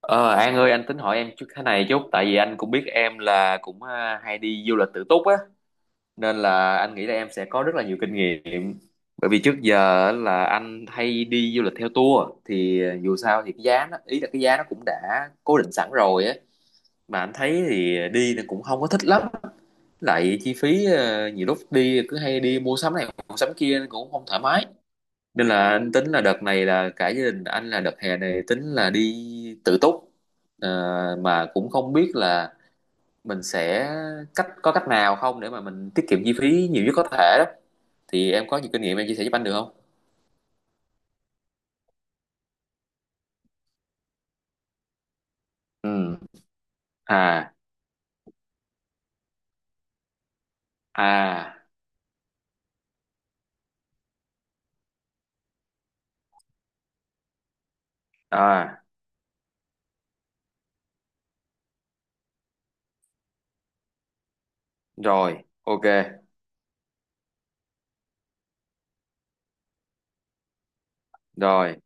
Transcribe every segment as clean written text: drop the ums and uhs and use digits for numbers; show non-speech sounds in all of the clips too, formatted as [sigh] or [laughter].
Ờ, An ơi, anh tính hỏi em chút thế này chút, tại vì anh cũng biết em là cũng hay đi du lịch tự túc á, nên là anh nghĩ là em sẽ có rất là nhiều kinh nghiệm. Bởi vì trước giờ á, là anh hay đi du lịch theo tour, thì dù sao thì cái giá nó ý là cái giá nó cũng đã cố định sẵn rồi á, mà anh thấy thì đi nó cũng không có thích lắm, lại chi phí nhiều lúc đi cứ hay đi mua sắm này mua sắm kia nên cũng không thoải mái. Nên là anh tính là đợt này là cả gia đình anh là đợt hè này tính là đi tự túc. Ờ, mà cũng không biết là mình sẽ có cách nào không để mà mình tiết kiệm chi phí nhiều nhất có thể đó, thì em có nhiều kinh nghiệm, em chia sẻ giúp anh được không? Ừ. À. À. À. Rồi, ok. Rồi.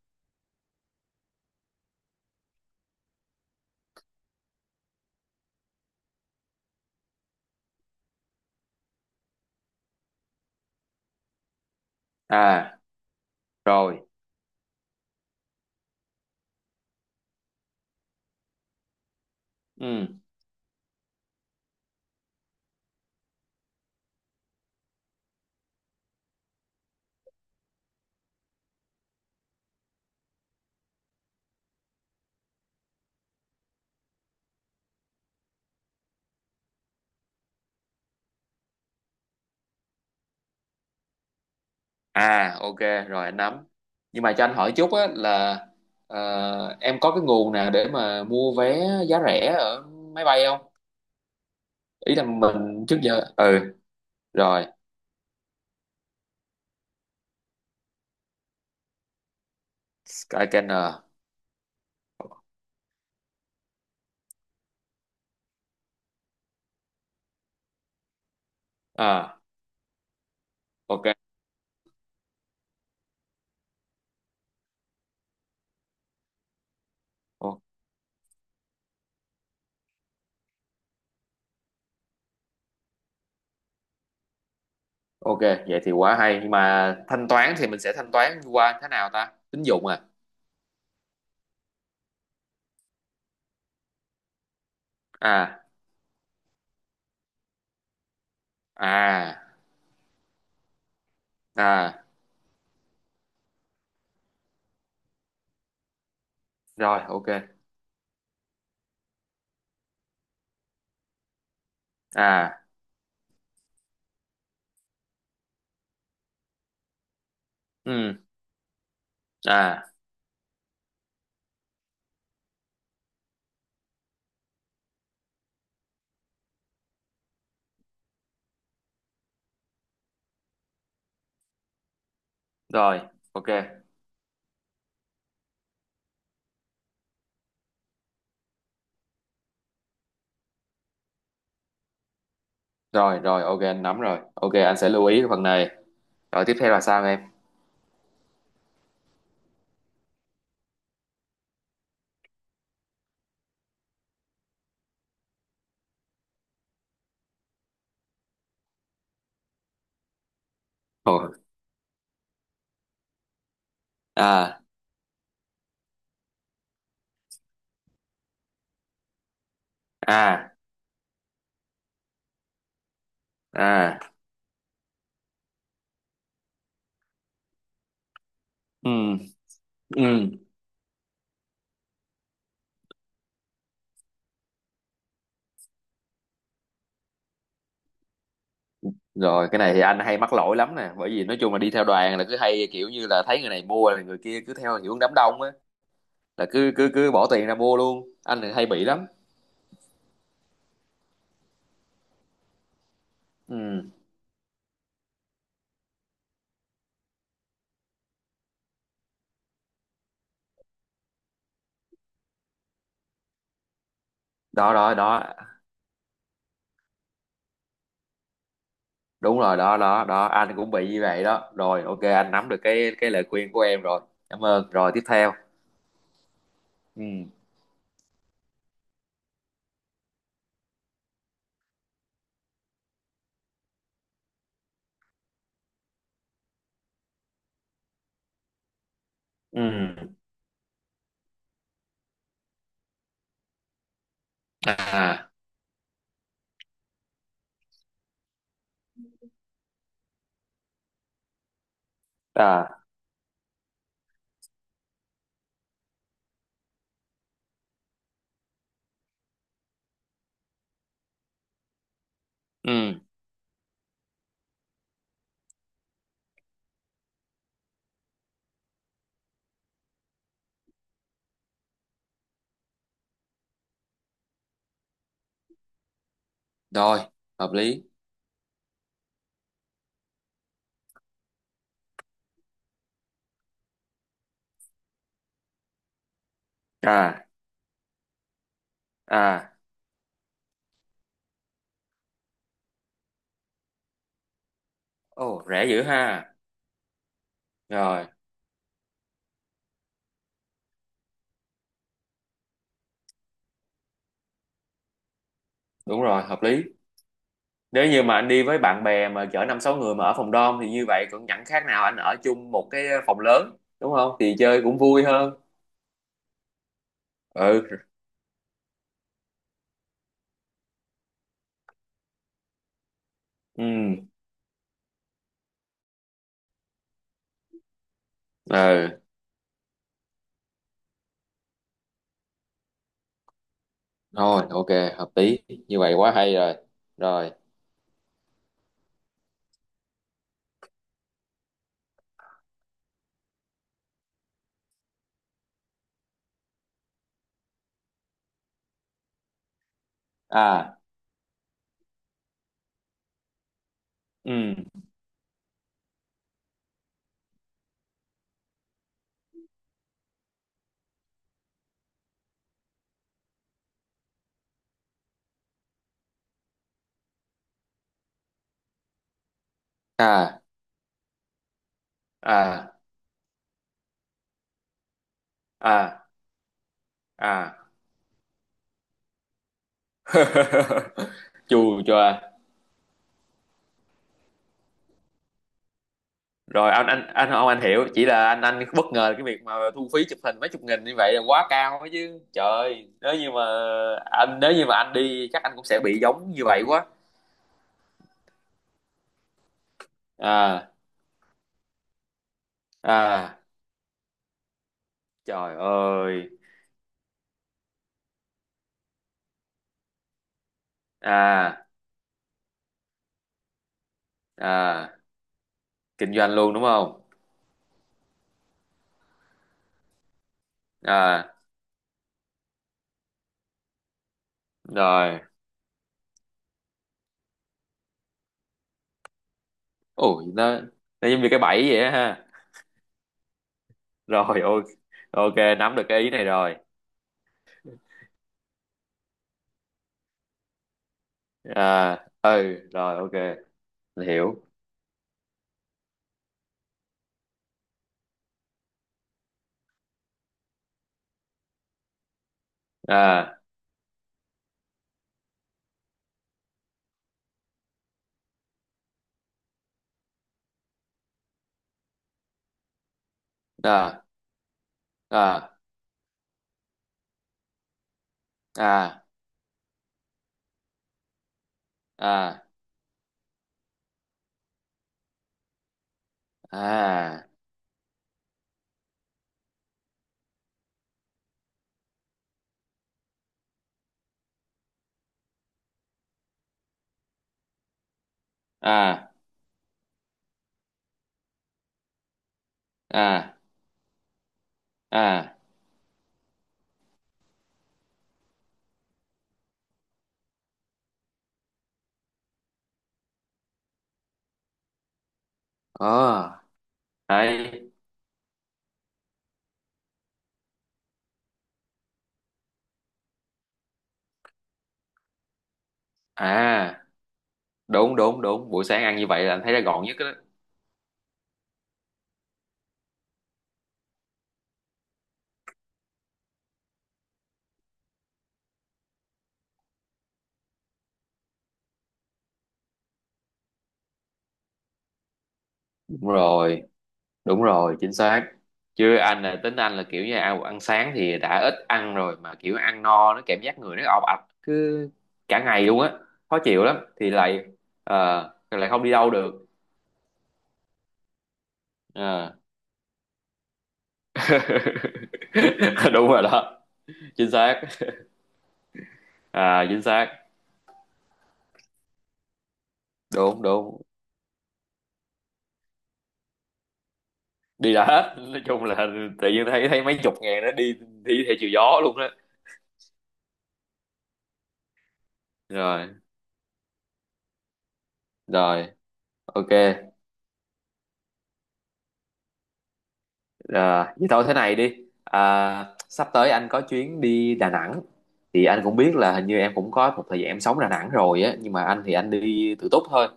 À. Rồi. Ừ. À. Ok. Rồi, anh nắm. Nhưng mà cho anh hỏi chút á, là em có cái nguồn nào để mà mua vé giá rẻ ở máy bay không? Ý là mình trước giờ. Ừ. Rồi. Skycanner. À. Ok. O- ok, vậy thì quá hay, nhưng mà thanh toán thì mình sẽ thanh toán qua thế nào ta, tín dụng à? À. À. À. Rồi, ok. À. Ừ. À. Rồi, ok. Rồi, rồi, ok, anh nắm rồi, ok, anh sẽ lưu ý cái phần này. Rồi, tiếp theo là sao em? Ồ. À. À. À. Ừ. Ừ. Rồi, cái này thì anh hay mắc lỗi lắm nè, bởi vì nói chung là đi theo đoàn là cứ hay kiểu như là thấy người này mua là người kia cứ theo hiệu đám đông á, là cứ cứ cứ bỏ tiền ra mua luôn, anh thì hay bị lắm. Ừ. Đó, đó, đó. Đúng rồi, đó, đó, đó, anh cũng bị như vậy đó, rồi ok, anh nắm được cái lời khuyên của em rồi, cảm ơn. Rồi, tiếp theo. Ừ. Ừ. À. À. Ừ. Rồi, hợp lý. À. À. Ồ, rẻ dữ ha. Rồi. Đúng rồi, hợp lý. Nếu như mà anh đi với bạn bè mà chở năm sáu người mà ở phòng dorm thì như vậy cũng chẳng khác nào anh ở chung một cái phòng lớn, đúng không, thì chơi cũng vui hơn. Ừ. Ừ. Ừ. Thôi, ok. Hợp lý, như vậy quá hay rồi. Rồi. À. Ừ. À. À. À. À. [laughs] Chù cho. Rồi, anh không, anh hiểu, chỉ là anh bất ngờ cái việc mà thu phí chụp hình mấy chục nghìn như vậy là quá cao ấy chứ trời, nếu như mà anh đi chắc anh cũng sẽ bị giống như vậy quá. À. À. Trời ơi. À. À. Kinh doanh luôn đúng không? À. Rồi. Ủa, nó giống như cái bẫy vậy á ha. Rồi, ok. Ok, nắm được cái ý này rồi. À. Ừ. Rồi, ok, mình hiểu. À. À. À. À. À. À. À. À. À. Ờ, đấy. À. Đúng, đúng, đúng, buổi sáng ăn như vậy là anh thấy nó gọn nhất đó. Đúng rồi. Đúng rồi, chính xác. Chứ anh là tính anh là kiểu như ăn ăn sáng thì đã ít ăn rồi, mà kiểu ăn no nó cảm giác người nó ọp ạch cứ cả ngày luôn á, khó chịu lắm, thì lại không đi đâu được. Ờ. [laughs] Đúng rồi đó, chính xác. À, chính xác. Đúng, đúng. Đi đã hết, nói chung là tự nhiên thấy thấy mấy chục ngàn nó đi đi theo chiều gió luôn đó. Rồi, rồi, ok. Ờ, Vậy thôi thế này đi, sắp tới anh có chuyến đi Đà Nẵng, thì anh cũng biết là hình như em cũng có một thời gian em sống Đà Nẵng rồi á, nhưng mà anh thì anh đi tự túc thôi.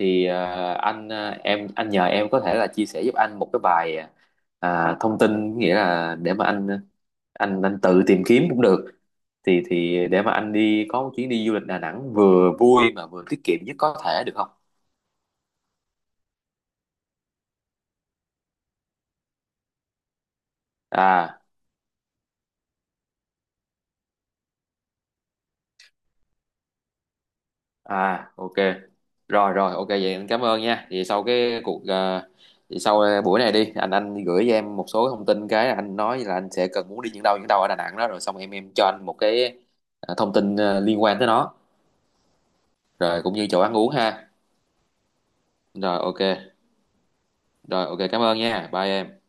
Thì em anh nhờ em có thể là chia sẻ giúp anh một cái bài, thông tin, nghĩa là để mà anh tự tìm kiếm cũng được, thì để mà anh đi có một chuyến đi du lịch Đà Nẵng vừa vui mà vừa tiết kiệm nhất có thể được không? À. À, ok. Rồi, rồi ok, vậy anh cảm ơn nha. Vậy sau cái cuộc ờ, thì sau ờ, buổi này đi, anh gửi cho em một số thông tin, cái anh nói là anh sẽ cần muốn đi những đâu ở Đà Nẵng đó, rồi xong em cho anh một cái thông tin liên quan tới nó, rồi cũng như chỗ ăn uống ha. Rồi, ok. Rồi, ok, cảm ơn nha, bye em.